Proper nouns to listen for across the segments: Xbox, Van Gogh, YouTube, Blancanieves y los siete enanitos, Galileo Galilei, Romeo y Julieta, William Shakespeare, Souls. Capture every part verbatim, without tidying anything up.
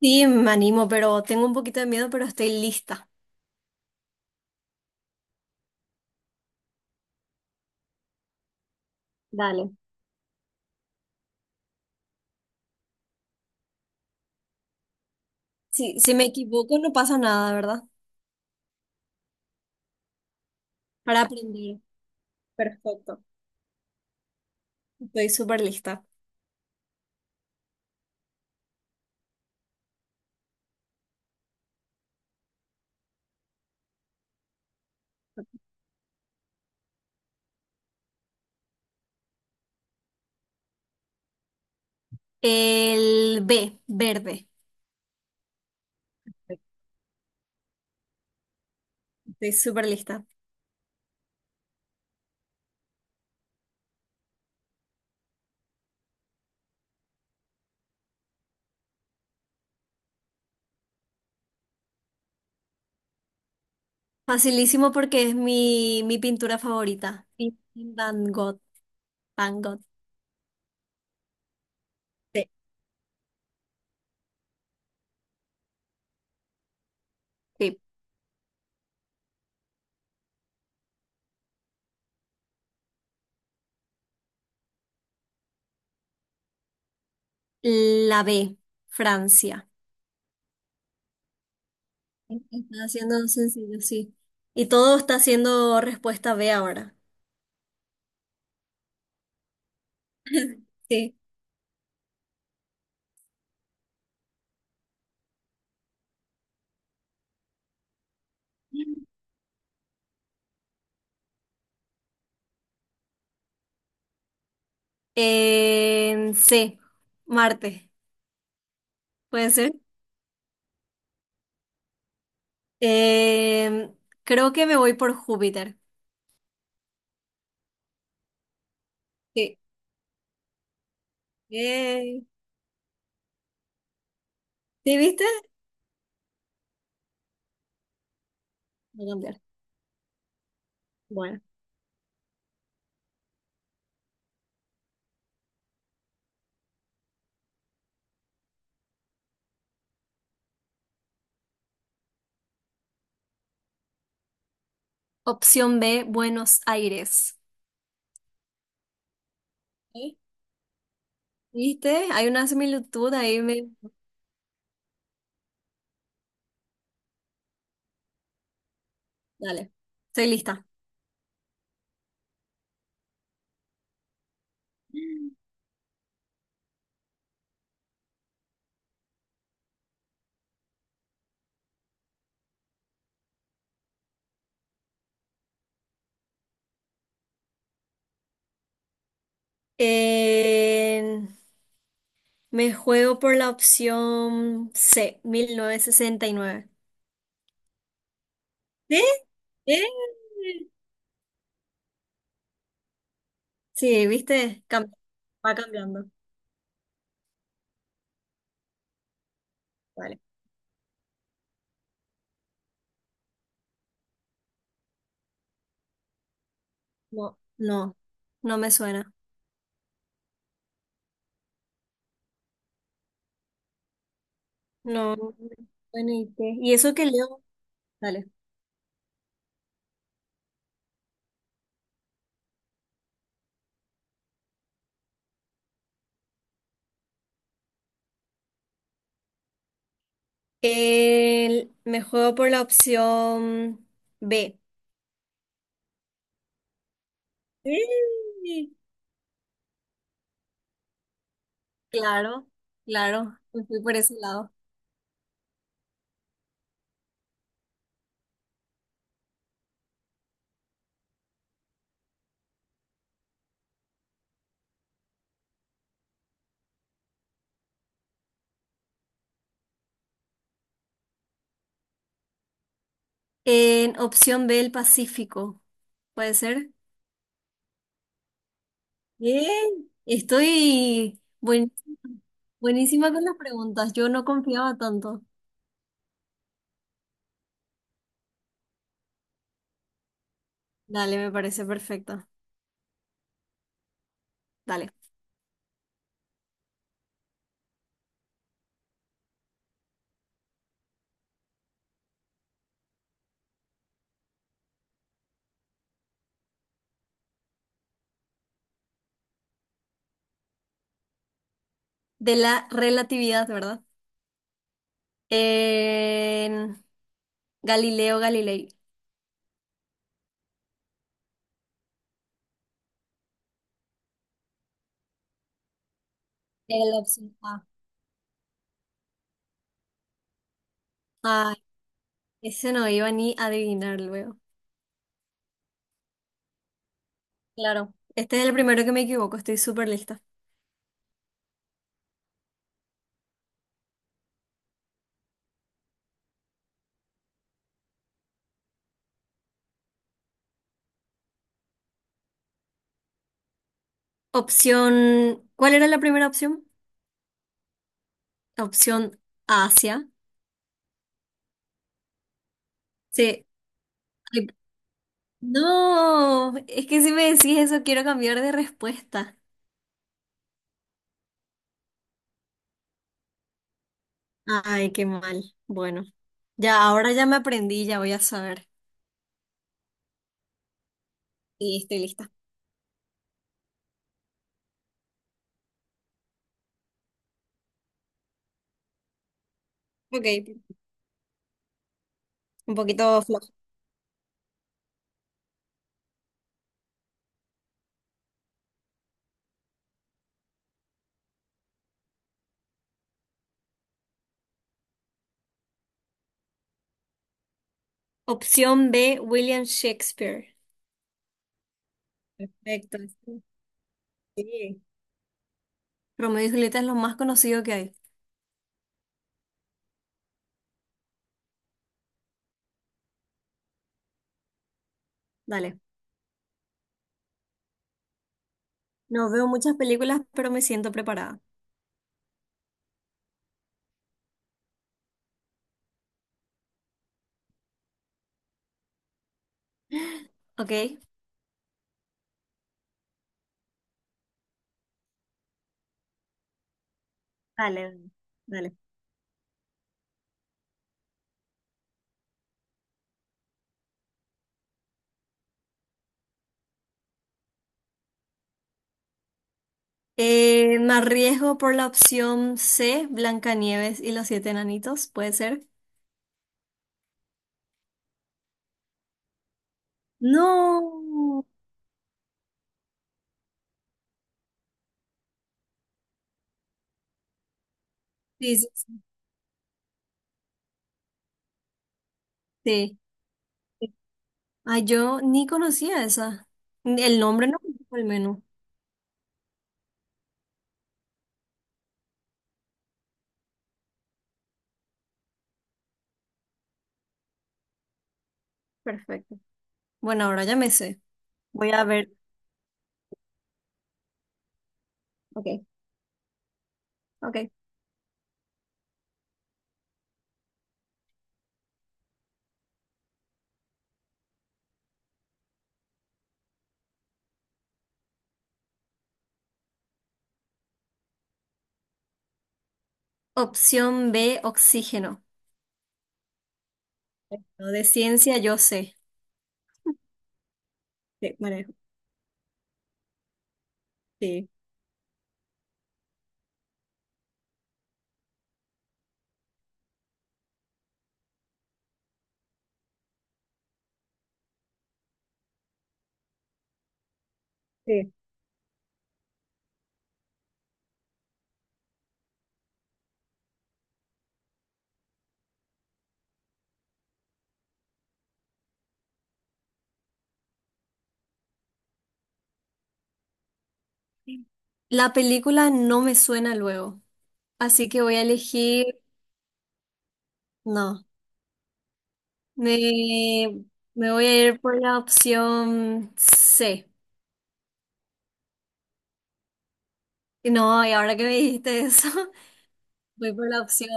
Sí, me animo, pero tengo un poquito de miedo, pero estoy lista. Dale. Si si me equivoco, no pasa nada, ¿verdad? Para aprender. Perfecto. Estoy súper lista. El B, verde. Estoy súper lista. Facilísimo porque es mi, mi pintura favorita. Sí. Van Gogh. Van Gogh. Sí. Sí. La B, Francia. Está haciendo sencillo, sí. Y todo está haciendo respuesta B ahora. Sí. Em, sí, Marte, puede ser. Em, Creo que me voy por Júpiter. Sí. Eh, ¿Sí viste? Voy a cambiar. Bueno. Opción B, Buenos Aires. ¿Sí? ¿Viste? Hay una similitud ahí. Me... Dale, estoy lista. Em, Me juego por la opción C, mil novecientos sesenta y nueve. Sí. ¿Sí? Sí viste. Cam- va cambiando. Vale. No, no, no me suena. No, no me suena y qué- y eso que leo. Dale. El- me juego por la opción B. Sí. Claro, claro, me fui por ese lado. En opción B, el Pacífico. ¿Puede ser? Bien. Estoy buen- Buenísima con las preguntas. Yo no confiaba tanto. Dale, me parece perfecto. Dale. De la relatividad, ¿verdad? En Galileo Galilei. Era la opción A. Ay, ese no iba ni a adivinar luego. Claro, este es el primero que me equivoco, estoy súper lista. Opción, ¿cuál era la primera opción? Opción Asia. Sí. Ay, no, es que si me decís eso quiero cambiar de respuesta. Ay, qué mal. Bueno, ya ahora ya me aprendí, ya voy a saber. Y estoy lista. Ok, un poquito flojo. Opción B, William Shakespeare. Perfecto. Sí. Romeo y Julieta es lo más conocido que hay. Dale. No veo muchas películas, pero me siento preparada. Ok, dale, dale. Eh, me arriesgo por la opción C, Blancanieves y los siete enanitos, ¿puede ser? No. Sí, sí, sí. Sí. Ah, yo ni conocía esa. Ni el nombre no me dijo al menos. Perfecto. Bueno, ahora ya me sé. Voy a ver. Ok, ok. Opción B, oxígeno. No, de ciencia yo sé. Sí, manejo. Sí, sí. La película no me suena luego, así que voy a elegir, no, me, me voy a ir por la opción C. Y no, y ahora que me dijiste eso, voy por la opción,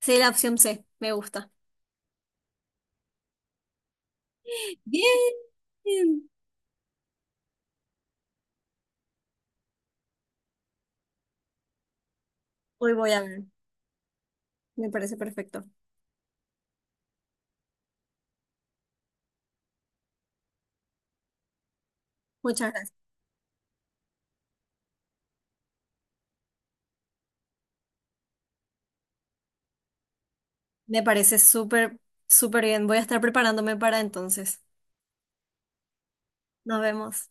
sí, la opción C, me gusta. Bien, hoy voy a ver, me parece perfecto. Muchas gracias. Me parece súper, súper bien. Voy a estar preparándome para entonces. Nos vemos.